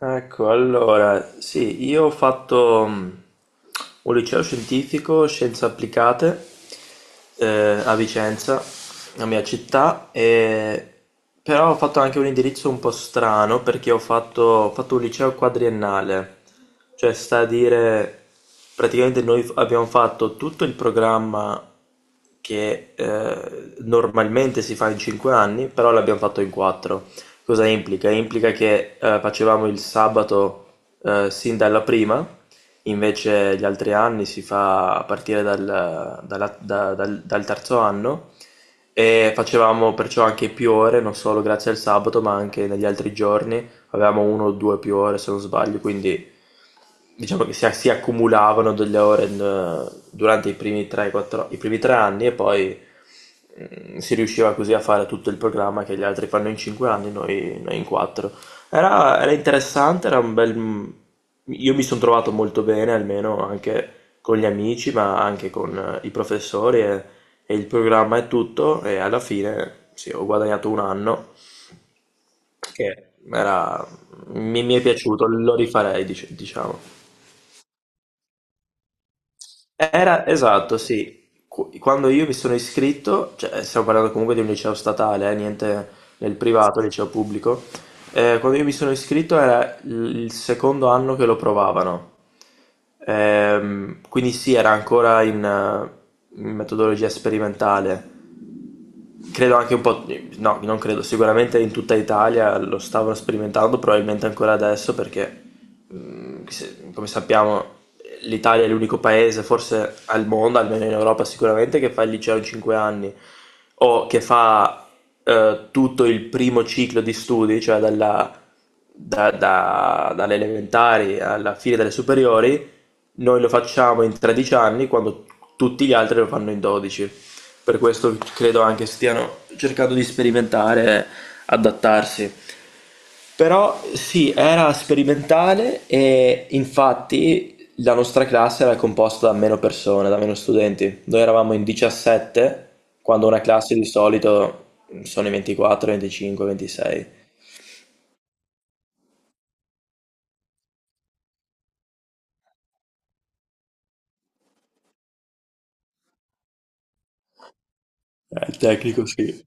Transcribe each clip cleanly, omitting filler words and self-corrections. Ecco, allora, sì, io ho fatto un liceo scientifico, scienze applicate, a Vicenza, la mia città, però ho fatto anche un indirizzo un po' strano perché ho fatto un liceo quadriennale, cioè sta a dire, praticamente noi abbiamo fatto tutto il programma che normalmente si fa in 5 anni, però l'abbiamo fatto in 4. Cosa implica? Implica che facevamo il sabato sin dalla prima, invece gli altri anni si fa a partire dal, dalla- da- dal- dal terzo anno e facevamo perciò anche più ore, non solo grazie al sabato, ma anche negli altri giorni. Avevamo uno o due più ore se non sbaglio, quindi diciamo che si accumulavano delle ore durante i primi 3-4, i primi 3 anni e poi si riusciva così a fare tutto il programma che gli altri fanno in 5 anni, noi in 4. Era interessante, era un bel. Io mi sono trovato molto bene, almeno anche con gli amici, ma anche con i professori e il programma e tutto, e alla fine sì, ho guadagnato un anno che era- mi è piaciuto, lo rifarei, diciamo. Era esatto, sì. Quando io mi sono iscritto, cioè stiamo parlando comunque di un liceo statale, niente nel privato, liceo pubblico. Quando io mi sono iscritto era il secondo anno che lo provavano. Quindi sì, era ancora in metodologia sperimentale credo anche un po', no, non credo, sicuramente in tutta Italia lo stavano sperimentando, probabilmente ancora adesso perché, come sappiamo, l'Italia è l'unico paese, forse al mondo, almeno in Europa sicuramente, che fa il liceo in 5 anni o che fa tutto il primo ciclo di studi, cioè dalle elementari alla fine delle superiori, noi lo facciamo in 13 anni quando tutti gli altri lo fanno in 12. Per questo credo anche stiano cercando di sperimentare, adattarsi. Però sì, era sperimentale e infatti la nostra classe era composta da meno persone, da meno studenti. Noi eravamo in 17, quando una classe di solito sono i 24, 25, 26. Il tecnico sì.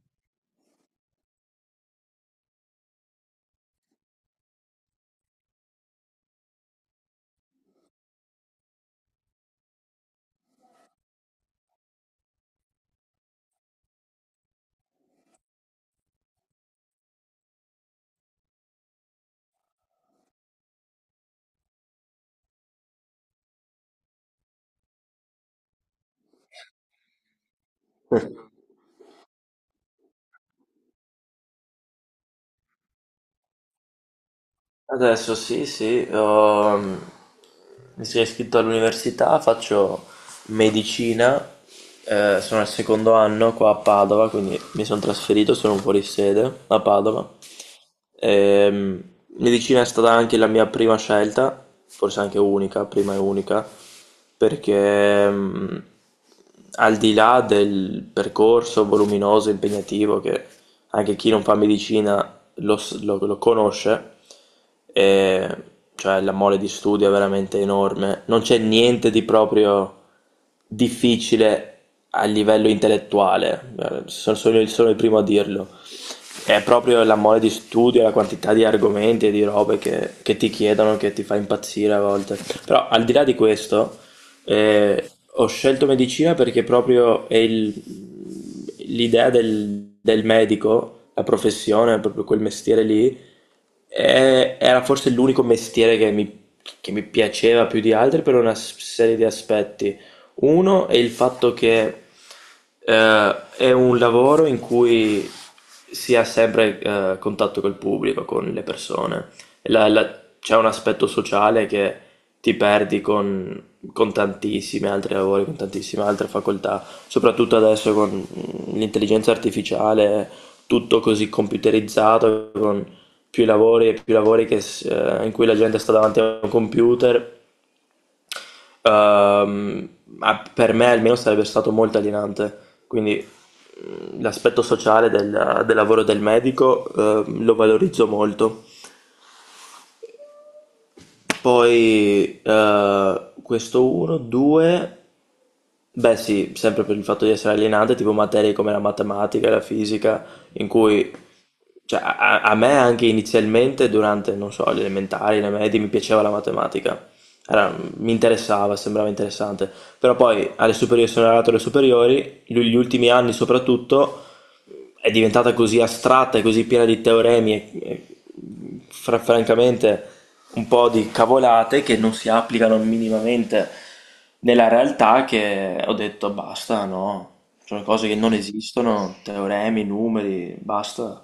Adesso sì, sì, mi sono iscritto all'università, faccio medicina, sono al secondo anno qua a Padova, quindi mi sono trasferito, sono fuori sede a Padova. Ehm, medicina è stata anche la mia prima scelta, forse anche unica, prima e unica, perché al di là del percorso voluminoso, impegnativo, che anche chi non fa medicina lo conosce, e cioè la mole di studio è veramente enorme. Non c'è niente di proprio difficile a livello intellettuale, sono il primo a dirlo. È proprio la mole di studio, la quantità di argomenti e di robe che ti chiedono che ti fa impazzire a volte. Però al di là di questo, ho scelto medicina perché proprio l'idea del medico, la professione, proprio quel mestiere lì era forse l'unico mestiere che mi piaceva più di altri per una serie di aspetti. Uno è il fatto che è un lavoro in cui si ha sempre contatto col pubblico, con le persone. C'è un aspetto sociale che ti perdi con tantissimi altri lavori, con tantissime altre facoltà, soprattutto adesso con l'intelligenza artificiale, tutto così computerizzato, con più lavori e più lavori che s in cui la gente sta davanti a un computer, uhm, ma per me almeno sarebbe stato molto alienante. Quindi, l'aspetto sociale del lavoro del medico, lo valorizzo molto. Poi, questo 1, 2, beh sì, sempre per il fatto di essere alienante, tipo materie come la matematica e la fisica in cui cioè, a me anche inizialmente durante, non so, le elementari, le medie, mi piaceva la matematica. Mi interessava, sembrava interessante. Però poi alle superiori sono arrivato alle superiori, gli ultimi anni soprattutto, è diventata così astratta e così piena di teoremi e, e, francamente un po' di cavolate che non si applicano minimamente nella realtà che ho detto basta, no, sono cose che non esistono, teoremi, numeri, basta.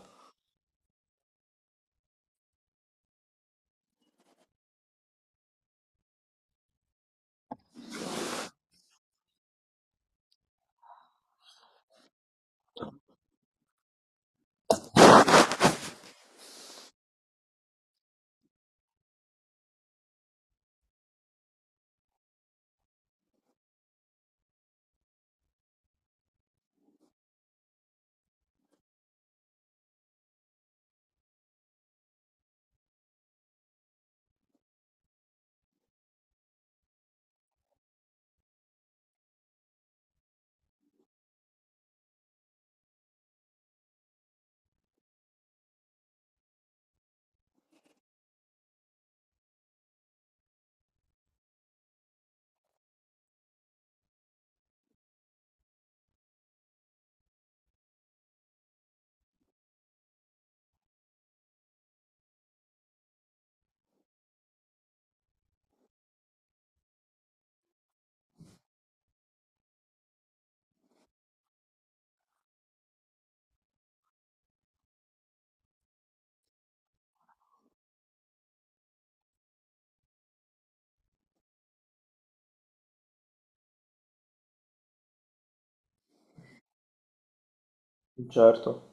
Certo.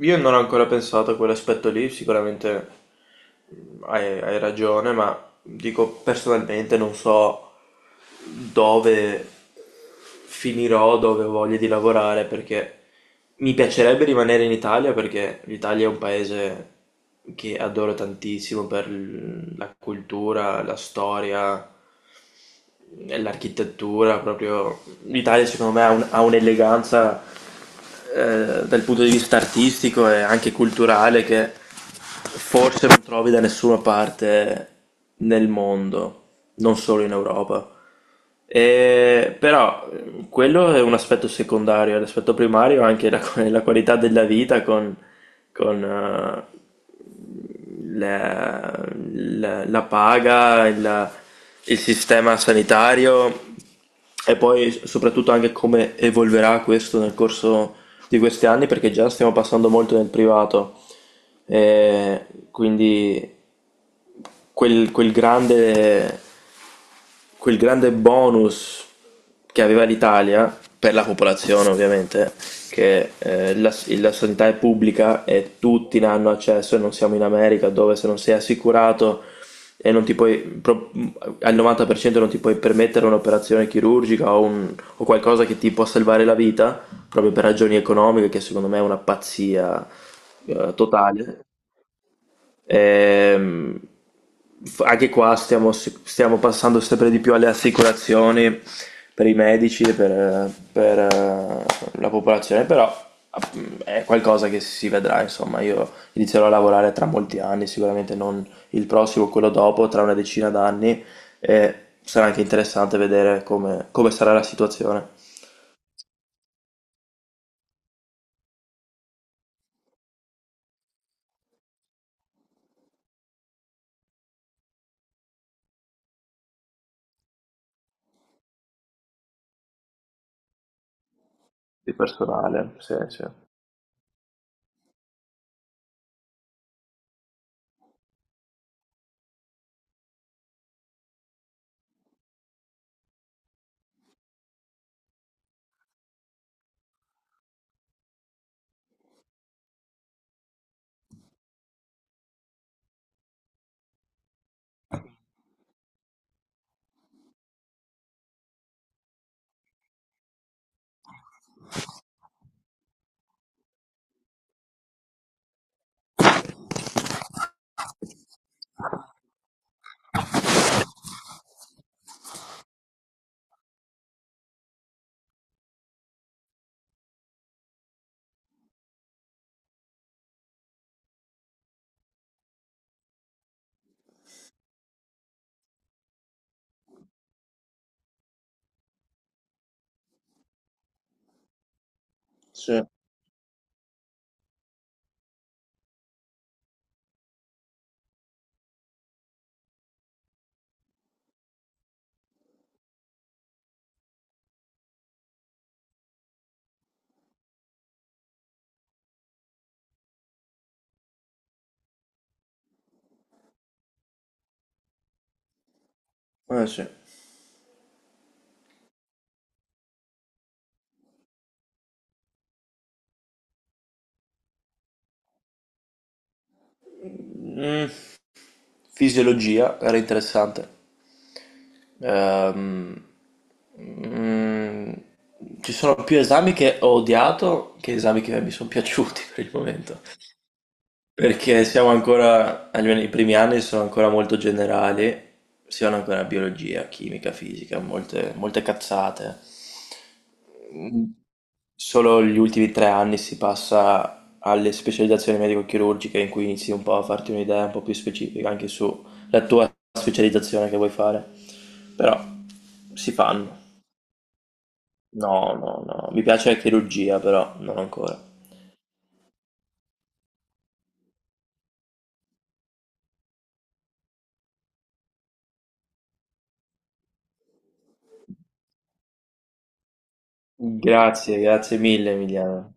Io non ho ancora pensato a quell'aspetto lì, sicuramente hai ragione, ma dico personalmente non so dove finirò, dove ho voglia di lavorare, perché mi piacerebbe rimanere in Italia, perché l'Italia è un paese che adoro tantissimo per la cultura, la storia. Nell'architettura proprio l'Italia secondo me ha un'eleganza dal punto di vista artistico e anche culturale che forse non trovi da nessuna parte nel mondo, non solo in Europa. Però quello è un aspetto secondario, l'aspetto primario è anche la, la qualità della vita con, con, eh, la, la paga, il sistema sanitario e poi soprattutto anche come evolverà questo nel corso di questi anni, perché già stiamo passando molto nel privato, e quindi quel, quel grande, quel grande bonus che aveva l'Italia, per la popolazione ovviamente, che la sanità è pubblica e tutti ne hanno accesso e non siamo in America dove se non sei assicurato e non ti puoi, al 90% non ti puoi permettere un'operazione chirurgica o o qualcosa che ti può salvare la vita, proprio per ragioni economiche, che secondo me è una pazzia totale. Ehm, anche qua stiamo passando sempre di più alle assicurazioni per i medici e per la popolazione, però app- è qualcosa che si vedrà, insomma, io inizierò a lavorare tra molti anni, sicuramente non il prossimo, quello dopo, tra una decina d'anni, e sarà anche interessante vedere come sarà la situazione di personale. Sì, sì. Sì, sì. Mm, fisiologia era interessante. Ehm, mm, ci sono più esami che ho odiato che esami che mi sono piaciuti per il momento. Perché siamo ancora, almeno i primi anni sono ancora molto generali, siano ancora biologia, chimica, fisica, molte, molte cazzate. Mm, Solo gli ultimi 3 anni si passa alle specializzazioni medico-chirurgiche in cui inizi un po' a farti un'idea un po' più specifica anche sulla tua specializzazione che vuoi fare. Però si fanno. No, no, no. Mi piace la chirurgia, però non ancora. Grazie, grazie mille, Emiliano.